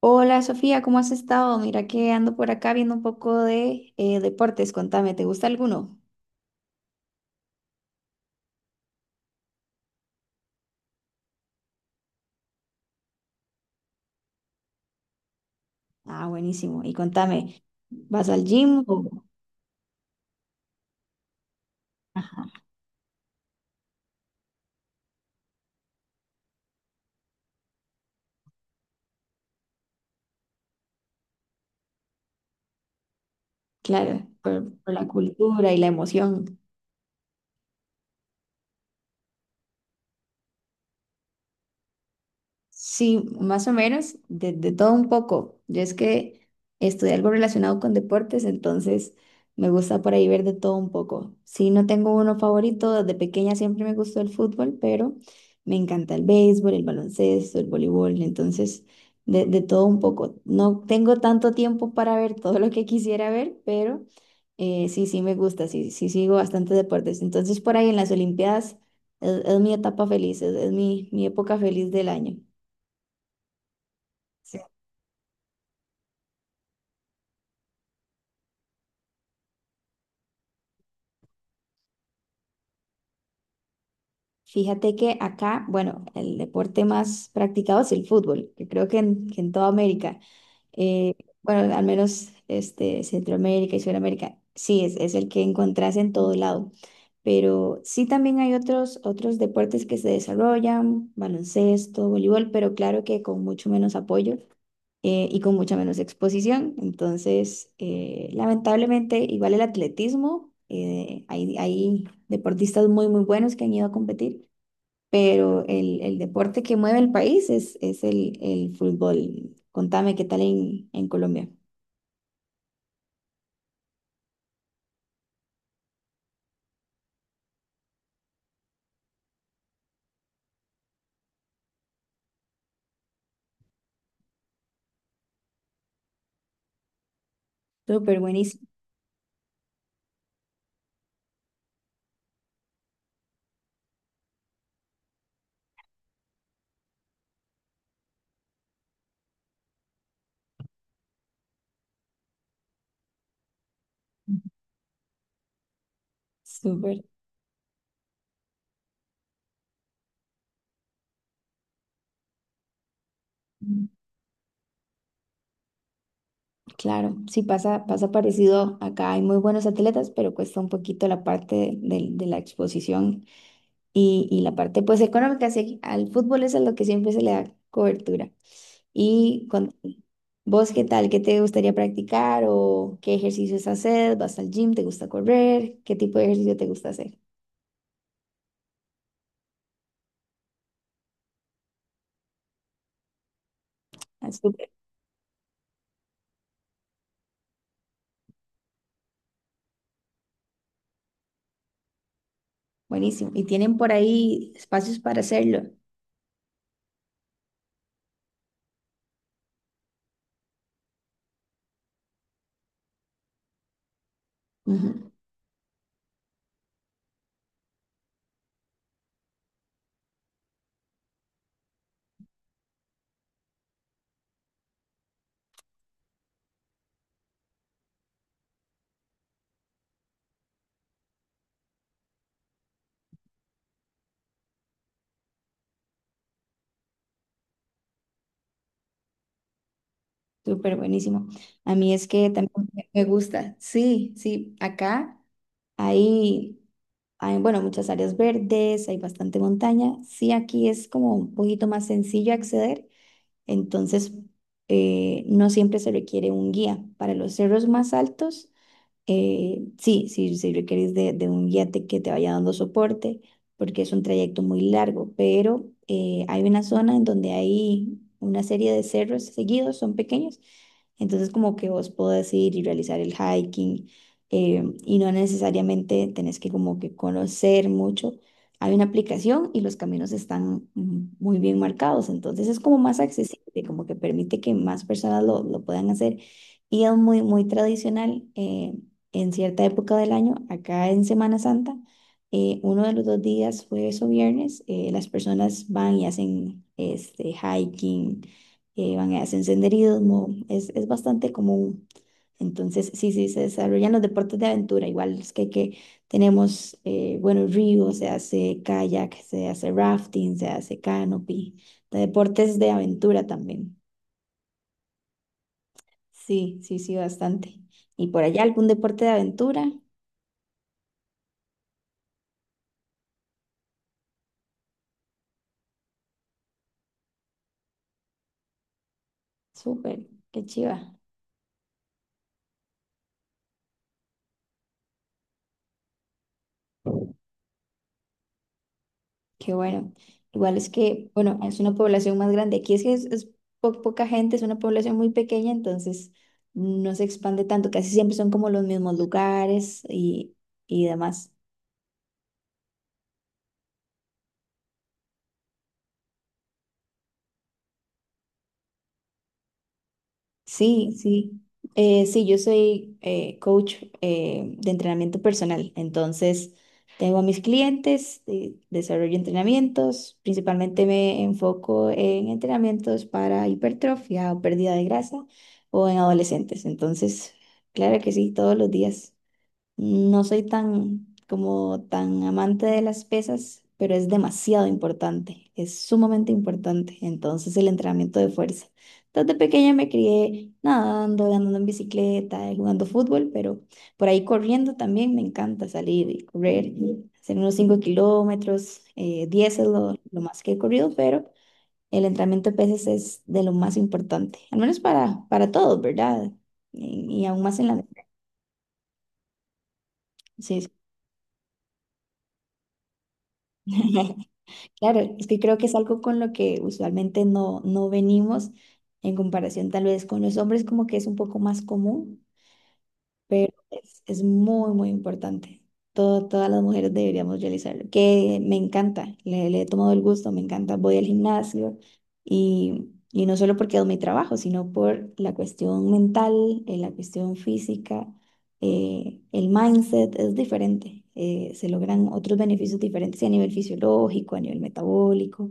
Hola Sofía, ¿cómo has estado? Mira que ando por acá viendo un poco de deportes. Contame, ¿te gusta alguno? Ah, buenísimo. Y contame, ¿vas al gym o, claro, por la cultura y la emoción? Sí, más o menos, de todo un poco. Yo es que estudié algo relacionado con deportes, entonces me gusta por ahí ver de todo un poco. Sí, no tengo uno favorito, desde pequeña siempre me gustó el fútbol, pero me encanta el béisbol, el baloncesto, el voleibol, entonces de todo un poco. No tengo tanto tiempo para ver todo lo que quisiera ver, pero sí, sí me gusta, sí, sí sigo bastante deportes. Entonces por ahí en las Olimpiadas es mi etapa feliz, es mi época feliz del año. Fíjate que acá, bueno, el deporte más practicado es el fútbol, que creo que que en toda América, eh, bueno, al menos este, Centroamérica y Sudamérica, sí, es el que encontrás en todo lado. Pero sí también hay otros deportes que se desarrollan, baloncesto, voleibol, pero claro que con mucho menos apoyo y con mucha menos exposición. Entonces, lamentablemente, igual el atletismo, hay deportistas muy, muy buenos que han ido a competir, pero el deporte que mueve el país es el fútbol. Contame qué tal en Colombia. Súper buenísimo, súper. Mm, claro, sí, pasa, pasa parecido acá. Hay muy buenos atletas, pero cuesta un poquito la parte de la exposición y la parte pues económica. Sí, al fútbol es a lo que siempre se le da cobertura. Y con vos, ¿qué tal? ¿Qué te gustaría practicar o qué ejercicios haces? ¿Vas al gym? ¿Te gusta correr? ¿Qué tipo de ejercicio te gusta hacer? Buenísimo. Y tienen por ahí espacios para hacerlo. Ujú. Súper buenísimo. A mí es que también me gusta. Sí, sí, acá hay, bueno, muchas áreas verdes, hay bastante montaña. Sí, aquí es como un poquito más sencillo acceder. Entonces, no siempre se requiere un guía. Para los cerros más altos, sí requerís de un guiate que te vaya dando soporte, porque es un trayecto muy largo, pero hay una zona en donde hay una serie de cerros seguidos, son pequeños, entonces como que vos podés ir y realizar el hiking, y no necesariamente tenés que como que conocer mucho. Hay una aplicación y los caminos están muy bien marcados, entonces es como más accesible, como que permite que más personas lo puedan hacer. Y es muy, muy tradicional. En cierta época del año, acá en Semana Santa, uno de los dos días, jueves o viernes, las personas van y hacen este, hiking, van y hacen senderismo, es bastante común. Entonces, sí, sí, se desarrollan los deportes de aventura, igual es que tenemos buenos río, se hace kayak, se hace rafting, se hace canopy, de deportes de aventura también. Sí, sí, sí, bastante. ¿Y por allá algún deporte de aventura? Súper, qué chiva, qué bueno. Igual es que, bueno, es una población más grande. Aquí es que es poca gente, es una población muy pequeña, entonces no se expande tanto. Casi siempre son como los mismos lugares y demás. Sí, sí. Sí, yo soy coach de entrenamiento personal. Entonces, tengo a mis clientes, desarrollo entrenamientos. Principalmente me enfoco en entrenamientos para hipertrofia o pérdida de grasa o en adolescentes. Entonces, claro que sí, todos los días. No soy tan como tan amante de las pesas, pero es demasiado importante, es sumamente importante. Entonces el entrenamiento de fuerza. Desde pequeña me crié nadando, andando en bicicleta, jugando fútbol, pero por ahí corriendo también me encanta salir y correr, hacer unos 5 kilómetros, 10 es lo más que he corrido, pero el entrenamiento de pesas es de lo más importante, al menos para todos, ¿verdad? Y aún más en la... Sí. Sí. Claro, es que creo que es algo con lo que usualmente no, no venimos en comparación tal vez con los hombres, como que es un poco más común, pero es muy, muy importante. Todas las mujeres deberíamos realizarlo, que me encanta, le he tomado el gusto, me encanta. Voy al gimnasio y no solo porque es mi trabajo, sino por la cuestión mental, la cuestión física, el mindset es diferente. Se logran otros beneficios diferentes a nivel fisiológico, a nivel metabólico.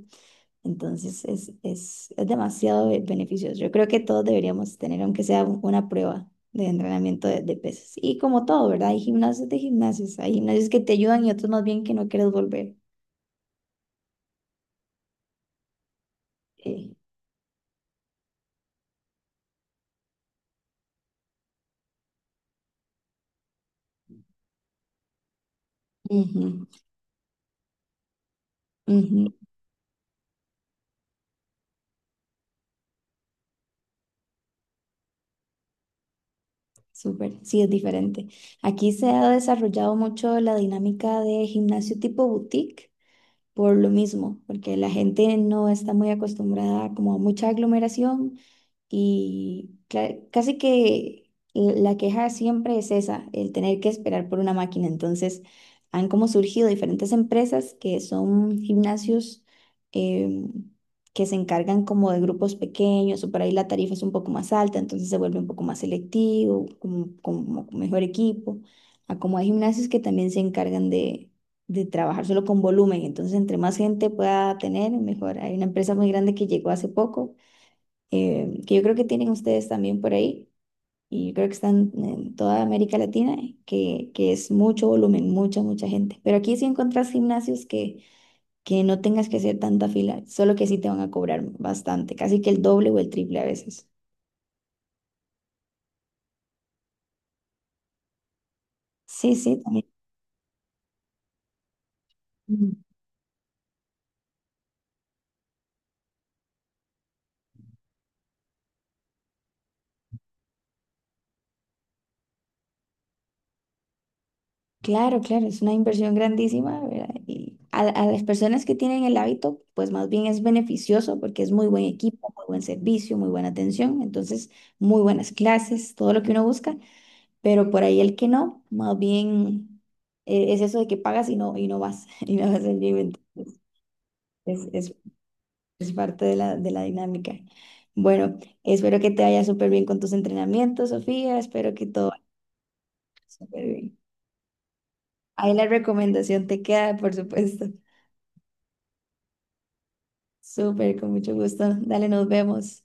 Entonces es demasiado beneficioso. Yo creo que todos deberíamos tener, aunque sea una prueba de entrenamiento de pesas. Y como todo, ¿verdad? Hay gimnasios de gimnasios. Hay gimnasios que te ayudan y otros más bien que no quieres volver. Eh, Ujú, ujú, súper. Sí, es diferente. Aquí se ha desarrollado mucho la dinámica de gimnasio tipo boutique por lo mismo, porque la gente no está muy acostumbrada como a mucha aglomeración, y casi que la queja siempre es esa, el tener que esperar por una máquina. Entonces, han como surgido diferentes empresas que son gimnasios, em, que se encargan como de grupos pequeños o por ahí la tarifa es un poco más alta, entonces se vuelve un poco más selectivo, como, como mejor equipo. A como hay gimnasios que también se encargan de trabajar solo con volumen, entonces entre más gente pueda tener, mejor. Hay una empresa muy grande que llegó hace poco, que yo creo que tienen ustedes también por ahí, y yo creo que están en toda América Latina, que es mucho volumen, mucha, mucha gente. Pero aquí sí encontrás gimnasios que no tengas que hacer tanta fila, solo que sí te van a cobrar bastante, casi que el doble o el triple a veces. Sí, sí, también. Mm. Claro, claro, es una inversión grandísima, ¿verdad? Y a las personas que tienen el hábito, pues más bien es beneficioso porque es muy buen equipo, muy buen servicio, muy buena atención, entonces muy buenas clases, todo lo que uno busca. Pero por ahí el que no, más bien es eso de que pagas y no, y no vas al gym. Entonces, es, es, es parte de la dinámica. Bueno, espero que te vaya súper bien con tus entrenamientos, Sofía. Espero que todo vaya súper bien. Ahí la recomendación te queda, por supuesto. Súper, con mucho gusto. Dale, nos vemos.